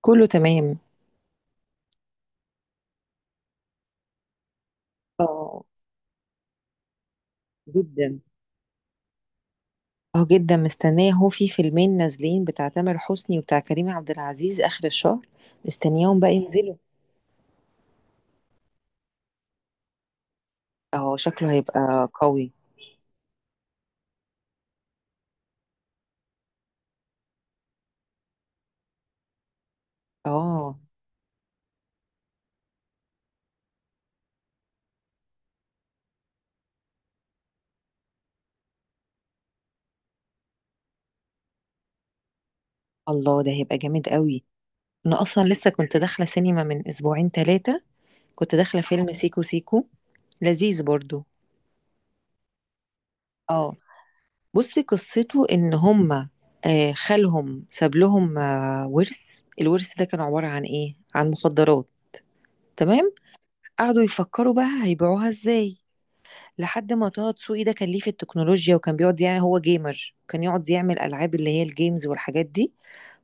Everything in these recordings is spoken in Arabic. كله تمام. اه جدا. اه جدا، مستنية. هو في فيلمين نازلين بتاع تامر حسني وبتاع كريم عبد العزيز آخر الشهر. مستنياهم بقى ينزلوا. اه شكله هيبقى قوي. اه الله، ده هيبقى جامد قوي. انا اصلا لسه كنت داخلة سينما من اسبوعين ثلاثة. كنت داخلة فيلم سيكو سيكو، لذيذ برضو. اه، بصي قصته ان هما، آه، خالهم ساب لهم، آه، ورث. الورث ده كان عبارة عن ايه؟ عن مخدرات. تمام. قعدوا يفكروا بقى هيبيعوها ازاي. لحد ما طه دسوقي ده كان ليه في التكنولوجيا، وكان بيقعد، يعني هو جيمر، كان يقعد يعمل العاب اللي هي الجيمز والحاجات دي.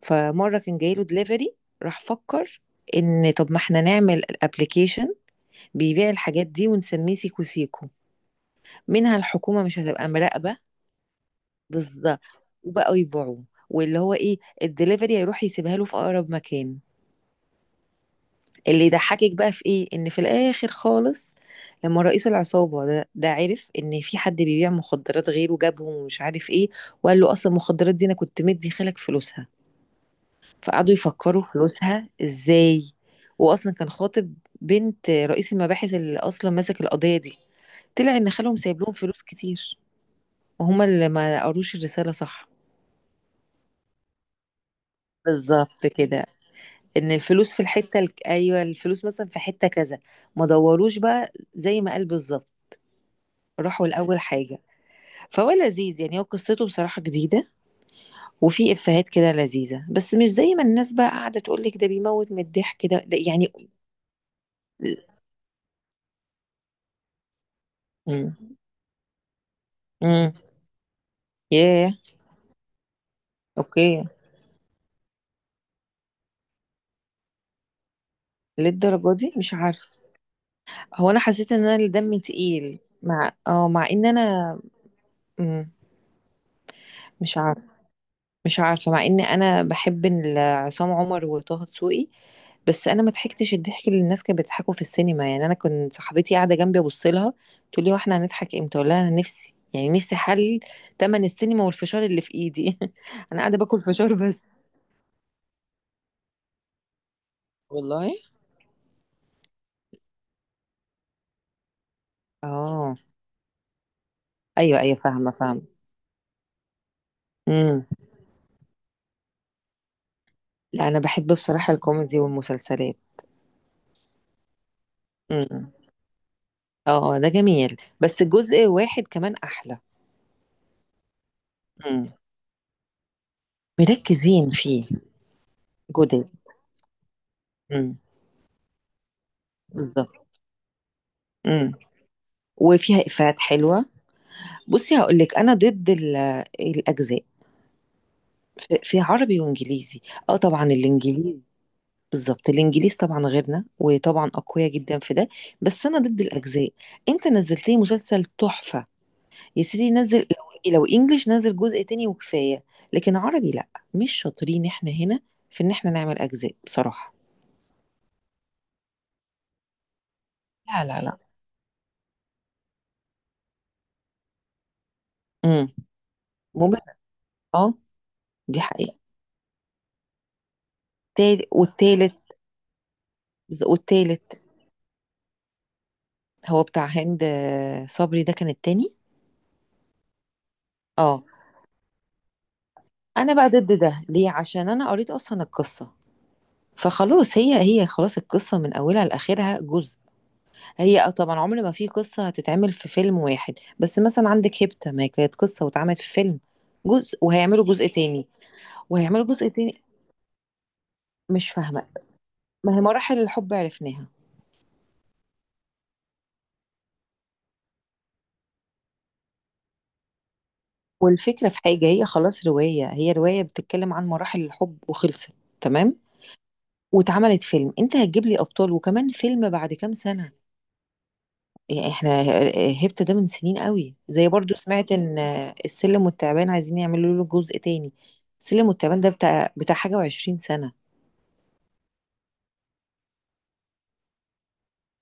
فمره كان جايله دليفري، راح فكر ان طب ما احنا نعمل ابلكيشن بيبيع الحاجات دي ونسميه سيكو سيكو. منها الحكومه مش هتبقى مراقبه. بالظبط. وبقوا يبيعوه، واللي هو ايه، الدليفري هيروح يسيبها له في اقرب مكان. اللي يضحكك بقى في ايه، ان في الاخر خالص، لما رئيس العصابة ده عرف ان في حد بيبيع مخدرات غيره، جابهم ومش عارف ايه. وقال له اصلا المخدرات دي انا كنت مدي خالك فلوسها. فقعدوا يفكروا فلوسها ازاي. واصلا كان خاطب بنت رئيس المباحث اللي اصلا ماسك القضية دي. طلع ان خالهم سايب لهم فلوس كتير، وهما اللي ما قروش الرسالة صح. بالظبط كده، ان الفلوس في ايوه، الفلوس مثلا في حتة كذا. ما دوروش بقى زي ما قال بالظبط. راحوا لأول حاجة. فهو لذيذ يعني، هو قصته بصراحة جديدة، وفي إفيهات كده لذيذة. بس مش زي ما الناس بقى قاعدة تقولك ده بيموت من الضحك، ده يعني. امم امم ياه. اوكي، للدرجة دي مش عارفة. هو أنا حسيت إن أنا اللي دمي تقيل، مع مع إن أنا. مم. مش عارفة، مش عارفة. مع ان انا بحب عصام عمر وطه دسوقي. بس انا ما ضحكتش الضحك اللي الناس كانت بتضحكه في السينما. يعني انا كنت صاحبتي قاعدة جنبي ابص لها، تقول لي هو احنا هنضحك امتى؟ اقول لها انا نفسي، يعني نفسي حل تمن السينما والفشار اللي في ايدي انا قاعدة باكل فشار بس. والله. اه. ايوه ايوه، فاهمة فاهمة. امم لا انا بحب بصراحة الكوميدي والمسلسلات. امم اه ده جميل، بس جزء واحد كمان احلى. امم مركزين فيه. جدد. امم بالظبط. امم وفيها إفيهات حلوة. بصي هقول لك، أنا ضد الأجزاء، في عربي وإنجليزي. أه طبعا الإنجليزي. بالظبط، الإنجليز طبعا غيرنا وطبعا أقوياء جدا في ده. بس أنا ضد الأجزاء. أنت نزلت لي مسلسل تحفة يا سيدي، نزل لو، إيه، لو إنجليش، نزل جزء تاني وكفاية. لكن عربي لأ، مش شاطرين إحنا هنا في إن إحنا نعمل أجزاء بصراحة. لا لا لا. امم ممل. أه. دي حقيقة. والتالت. والتالت. هو بتاع هند، آه، صبري، ده كان التاني. اه انا بقى ضد ده ليه، عشان انا قريت اصلا القصه. فخلاص هي خلاص، القصه من اولها لاخرها جزء. هي، اه طبعا، عمر ما في قصه هتتعمل في فيلم واحد. بس مثلا عندك هيبتا، ما هي كانت قصه واتعملت في فيلم جزء، وهيعملوا جزء تاني. مش فاهمه. ما هي مراحل الحب عرفناها. والفكره في حاجه، هي خلاص، روايه، هي روايه بتتكلم عن مراحل الحب وخلصت. تمام. واتعملت فيلم، انت هتجيب لي ابطال وكمان فيلم بعد كام سنه؟ يعني احنا، آه، هبت ده من سنين قوي. زي برضو سمعت ان السلم والتعبان عايزين يعملوا له جزء تاني. السلم والتعبان ده بتاع حاجة و20 سنة.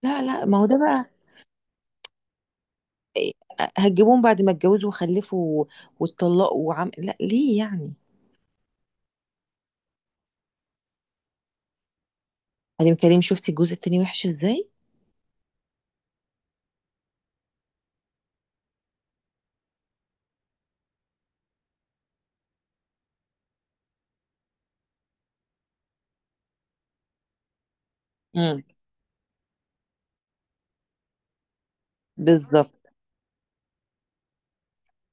لا لا، ما هو ده بقى إيه، هتجيبوهم بعد ما اتجوزوا وخلفوا واتطلقوا وعم لا، ليه يعني. أنا كريم شفتي الجزء التاني وحش ازاي. امم بالظبط.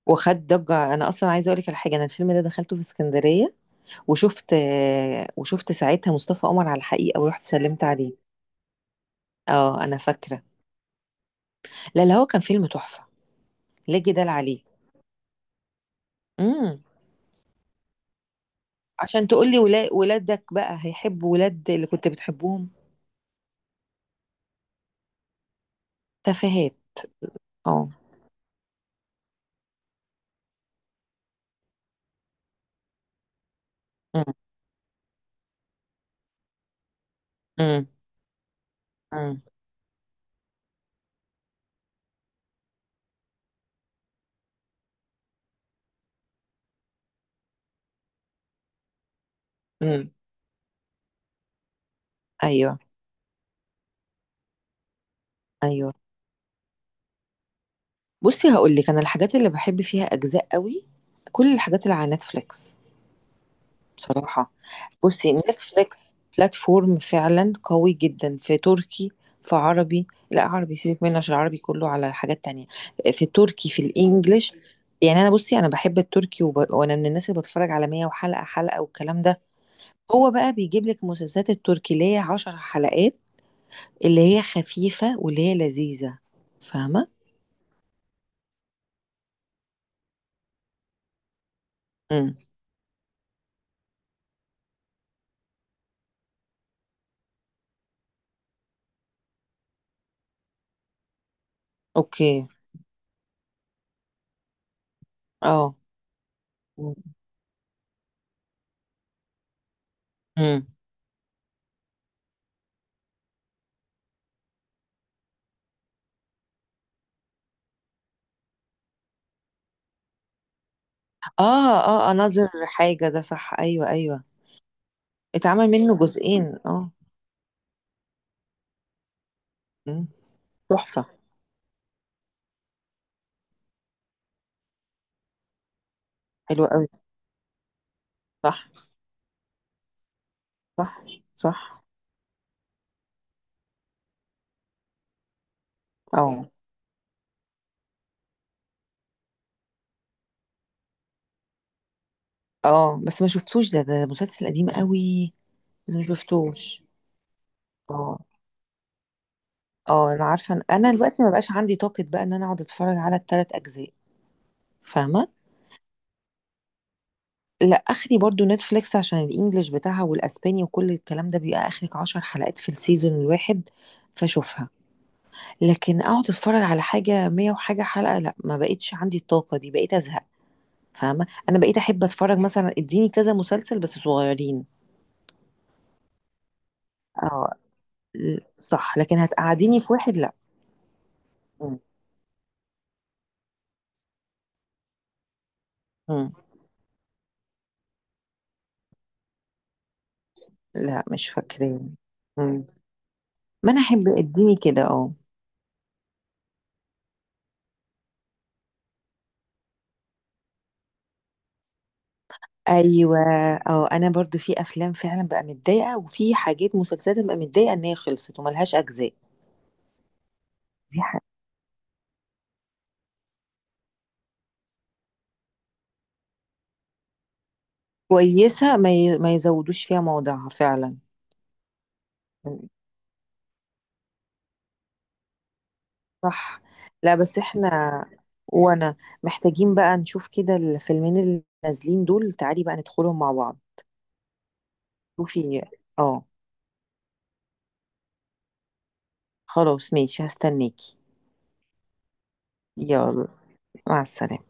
وخد ضجة. أنا أصلا عايزة أقولك على حاجة، أنا الفيلم ده دخلته في اسكندرية، وشفت، آه، وشفت ساعتها مصطفى قمر على الحقيقة ورحت سلمت عليه. اه أنا فاكرة. لا لا، هو كان فيلم تحفة، لا جدال عليه. امم عشان تقول لي ولادك بقى هيحبوا ولاد اللي كنت بتحبهم. تفاهات. اه. امم امم امم امم ايوه ايوه. بصي هقول لك، انا الحاجات اللي بحب فيها اجزاء قوي، كل الحاجات اللي على نتفليكس بصراحة. بُصّي Netflix platform فعلًا قوي جدًا في تركي، في عربي لأ، عربي سيبِك منه عشان العربي كله على حاجات تانية، في التركي، في الEnglish. يعني أنا بُصّي، أنا باحب التركي، وأنا من الناس اللي باتفرّج على 100 وحلقة حلقة والكلام ده. هو بقى بيجيب لِك المسلسلات التركي اللي هي 10 حلقات، اللي هي خفيفة، واللي هي لذيذة، فاهمة؟ إمم. أوكي. آه. إمم. إمم. آه. آه، ناظر حاجة ده، صح، أيوه، أيوه. اتعمل منه جزئين، اه. مم. تحفة. حلو قوي. صح. صح. صح. اه. اه بس ما شفتوش ده، مسلسل قديم قوي. بس ما شفتوش. اه. اه انا عارفة انا دلوقتي ما بقاش عندي طاقة بقى ان انا اقعد اتفرج على الـ3 اجزاء. فاهمة. لا اخري برضو نتفليكس عشان الانجليش بتاعها والاسباني وكل الكلام ده بيبقى اخرك 10 حلقات في السيزون الواحد، فاشوفها. لكن اقعد اتفرج على حاجة مية وحاجة حلقة لا، ما بقتش عندي الطاقة دي، بقيت ازهق. فاهمة، أنا بقيت أحب أتفرج مثلا اديني كذا مسلسل بس صغيرين. اه صح. لكن هتقعديني في واحد لا. مم. مم. لا مش فاكراه. مم. ما أنا أحب اديني كده. اه. ايوه. اه انا برضو في افلام فعلا بقى متضايقه، وفي حاجات مسلسلات بقى متضايقه ان هي خلصت وملهاش اجزاء. دي حاجه كويسه، ما يزودوش فيها موضوعها فعلا. صح. لا بس احنا، وانا، محتاجين بقى نشوف كده الفيلمين اللي نازلين دول. تعالي بقى ندخلهم مع بعض. شوفي. اه. خلاص ماشي، هستناكي. يلا. مع السلامة.